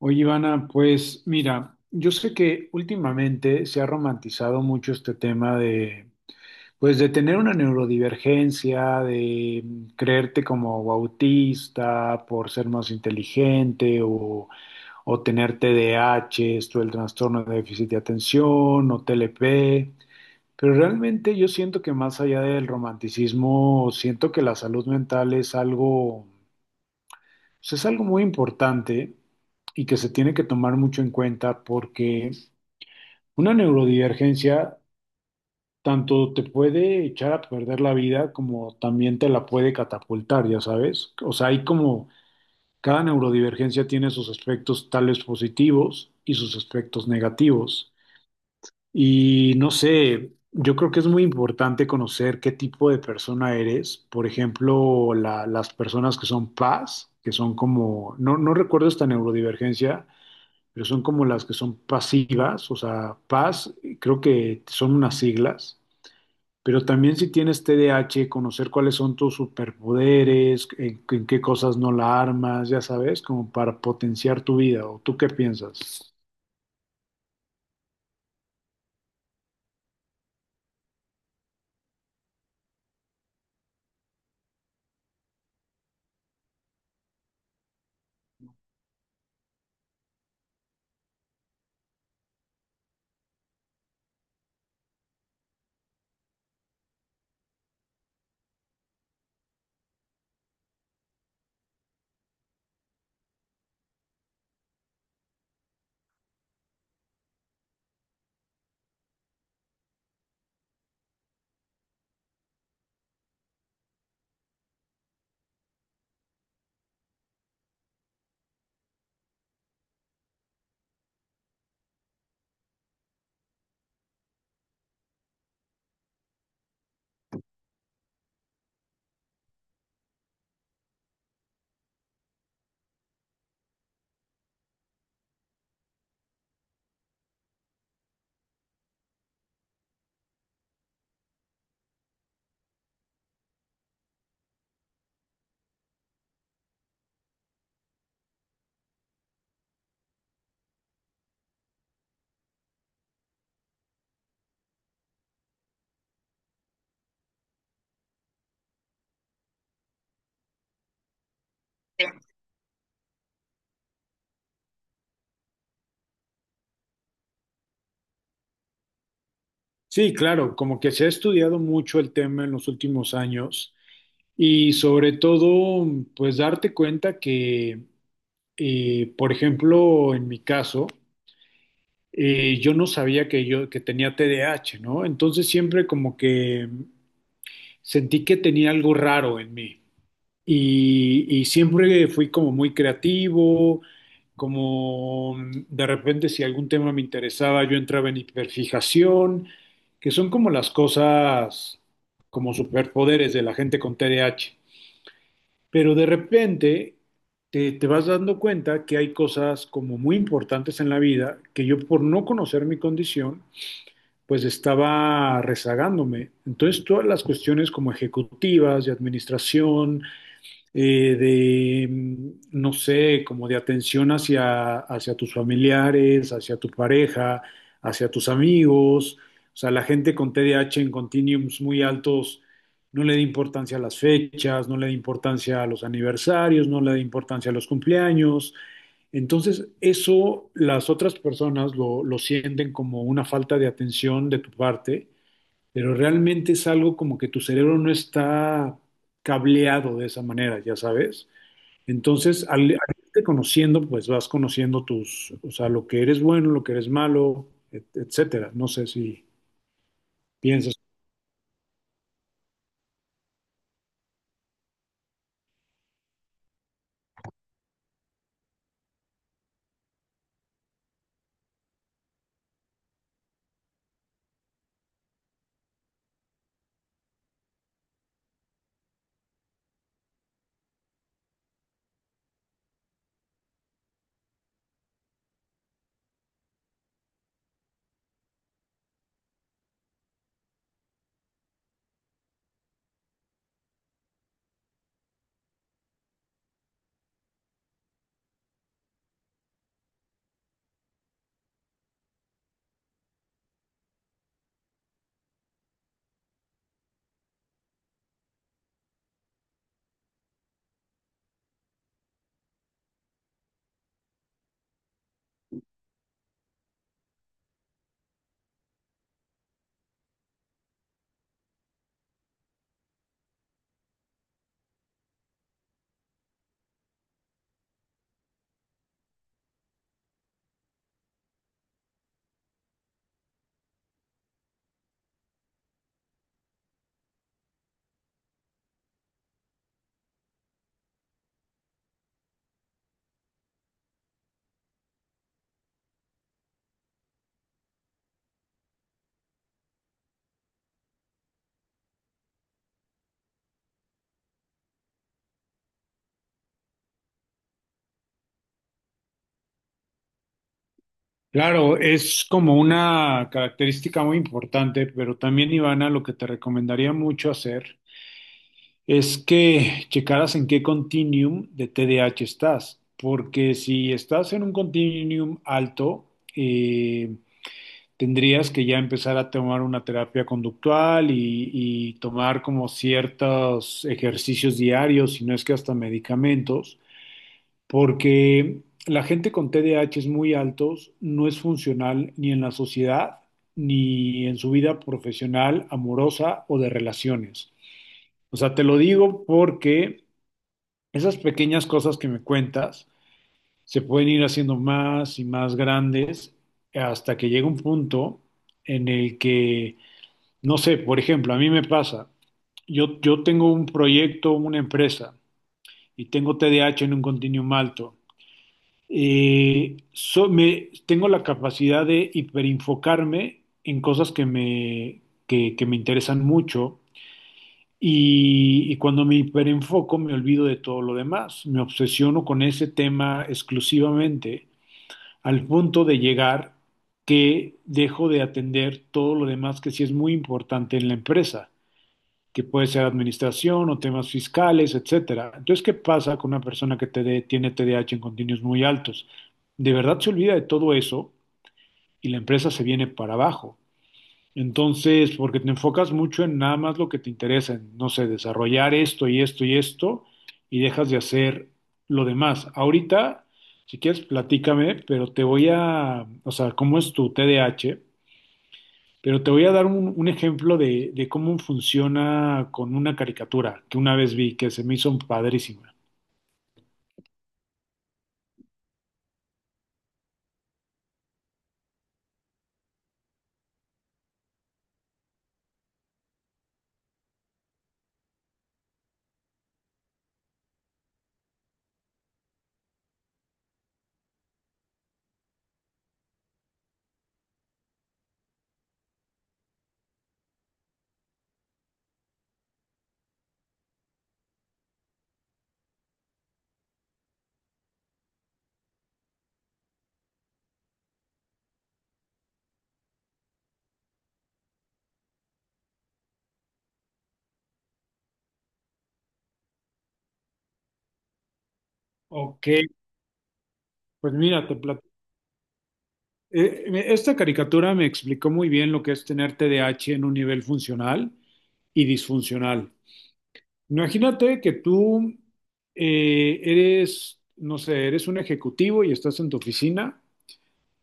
Oye, Ivana, pues mira, yo sé que últimamente se ha romantizado mucho este tema pues de tener una neurodivergencia, creerte como autista por ser más inteligente o tener T D A H, esto el trastorno de déficit de atención o T L P. Pero realmente yo siento que más allá del romanticismo, siento que la salud mental es algo pues es algo muy importante y que se tiene que tomar mucho en cuenta porque una neurodivergencia tanto te puede echar a perder la vida como también te la puede catapultar, ya sabes. O sea, hay como cada neurodivergencia tiene sus aspectos tales positivos y sus aspectos negativos. Y no sé, yo creo que es muy importante conocer qué tipo de persona eres. Por ejemplo, las personas que son PAS, que son como, no recuerdo esta neurodivergencia, pero son como las que son pasivas, o sea, PAS, creo que son unas siglas. Pero también si tienes T D A H, conocer cuáles son tus superpoderes, en qué cosas no la armas, ya sabes, como para potenciar tu vida. ¿O tú qué piensas? Sí, claro, como que se ha estudiado mucho el tema en los últimos años y sobre todo, pues darte cuenta que, por ejemplo, en mi caso, y yo no sabía que yo que tenía T D A H, ¿no? Entonces siempre como que sentí que tenía algo raro en mí y siempre fui como muy creativo, de repente si algún tema me interesaba yo entraba en hiperfijación, que son como las cosas como superpoderes de la gente con T D A H. Pero de repente te vas dando cuenta que hay cosas como muy importantes en la vida que yo por no conocer mi condición pues estaba rezagándome. Entonces, todas las cuestiones como ejecutivas, de administración, eh, de, mm, no sé, como de atención hacia tus familiares, hacia tu pareja, hacia tus amigos, o sea, la gente con T D A H en continuums muy altos no le da importancia a las fechas, no le da importancia a los aniversarios, no le da importancia a los cumpleaños. Entonces, eso las otras personas lo sienten como una falta de atención de tu parte, pero realmente es algo como que tu cerebro no está cableado de esa manera, ya sabes. Entonces, al irte conociendo, pues vas conociendo tus, o sea, lo que eres bueno, lo que eres malo, etcétera. No sé si piensas. Claro, es como una característica muy importante, pero también, Ivana, lo que te recomendaría mucho hacer es que checaras en qué continuum de TDAH estás, porque si estás en un continuum alto, eh, tendrías que ya empezar a tomar una terapia conductual y tomar como ciertos ejercicios diarios, si no es que hasta medicamentos, porque la gente con TDAH es muy altos no es funcional ni en la sociedad, ni en su vida profesional, amorosa o de relaciones. O sea, te lo digo porque esas pequeñas cosas que me cuentas se pueden ir haciendo más y más grandes hasta que llega un punto en el que, no sé, por ejemplo, a mí me pasa, yo tengo un proyecto, una empresa, y tengo TDAH en un continuum alto. Tengo la capacidad de hiperinfocarme en cosas que me interesan mucho y cuando me hiperenfoco, me olvido de todo lo demás. Me obsesiono con ese tema exclusivamente al punto de llegar que dejo de atender todo lo demás que sí es muy importante en la empresa, que puede ser administración o temas fiscales, etcétera. Entonces, ¿qué pasa con una persona que TD tiene TDAH en continuos muy altos? De verdad se olvida de todo eso y la empresa se viene para abajo. Entonces, porque te enfocas mucho en nada más lo que te interesa, en, no sé, desarrollar esto y esto y esto, y dejas de hacer lo demás. Ahorita, si quieres, platícame, pero te voy a, o sea, cómo es tu TDAH, pero te voy a dar un ejemplo de cómo funciona con una caricatura que una vez vi, que se me hizo padrísima. Ok, pues mira, esta caricatura me explicó muy bien lo que es tener TDAH en un nivel funcional y disfuncional. Imagínate que tú eres, no sé, eres un ejecutivo y estás en tu oficina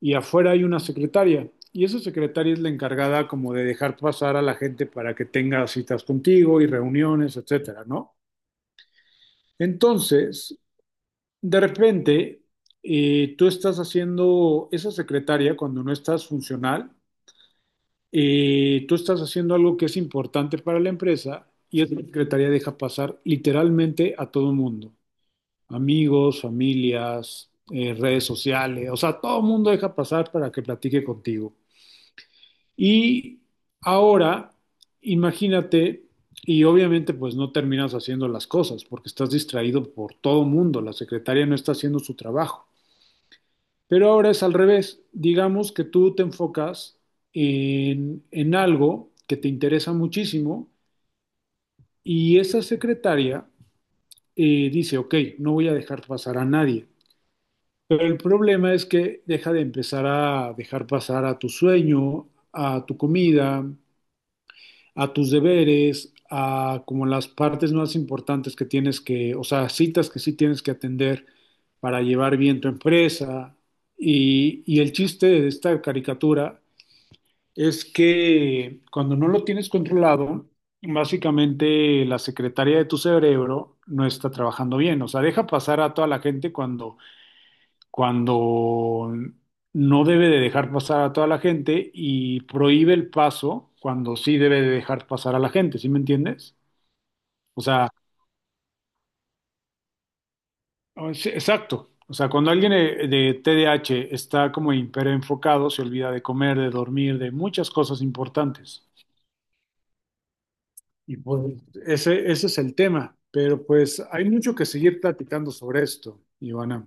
y afuera hay una secretaria y esa secretaria es la encargada como de dejar pasar a la gente para que tenga citas contigo y reuniones, etcétera, ¿no? Entonces, de repente, tú estás haciendo, esa secretaria cuando no estás funcional, tú estás haciendo algo que es importante para la empresa y esa secretaria deja pasar literalmente a todo mundo. Amigos, familias, redes sociales, o sea, todo el mundo deja pasar para que platique contigo. Y ahora, imagínate, y obviamente pues no terminas haciendo las cosas porque estás distraído por todo el mundo, la secretaria no está haciendo su trabajo. Pero ahora es al revés, digamos que tú te enfocas en algo que te interesa muchísimo y esa secretaria dice, ok, no voy a dejar pasar a nadie. Pero el problema es que deja de empezar a dejar pasar a tu sueño, a tu comida, a tus deberes, a como las partes más importantes que tienes que, o sea, citas que sí tienes que atender para llevar bien tu empresa. Y el chiste de esta caricatura es que cuando no lo tienes controlado, básicamente la secretaria de tu cerebro no está trabajando bien. O sea, deja pasar a toda la gente cuando no debe de dejar pasar a toda la gente y prohíbe el paso cuando sí debe de dejar pasar a la gente. ¿Sí me entiendes? O sea, sí, exacto. O sea, cuando alguien de TDAH está como hiperenfocado, se olvida de comer, de dormir, de muchas cosas importantes. Y pues ese es el tema. Pero pues hay mucho que seguir platicando sobre esto, Ivana.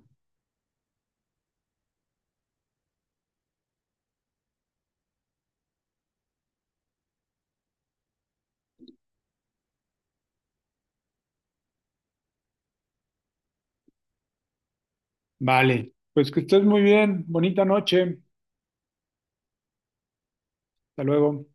Vale. Pues que estés muy bien. Bonita noche. Hasta luego.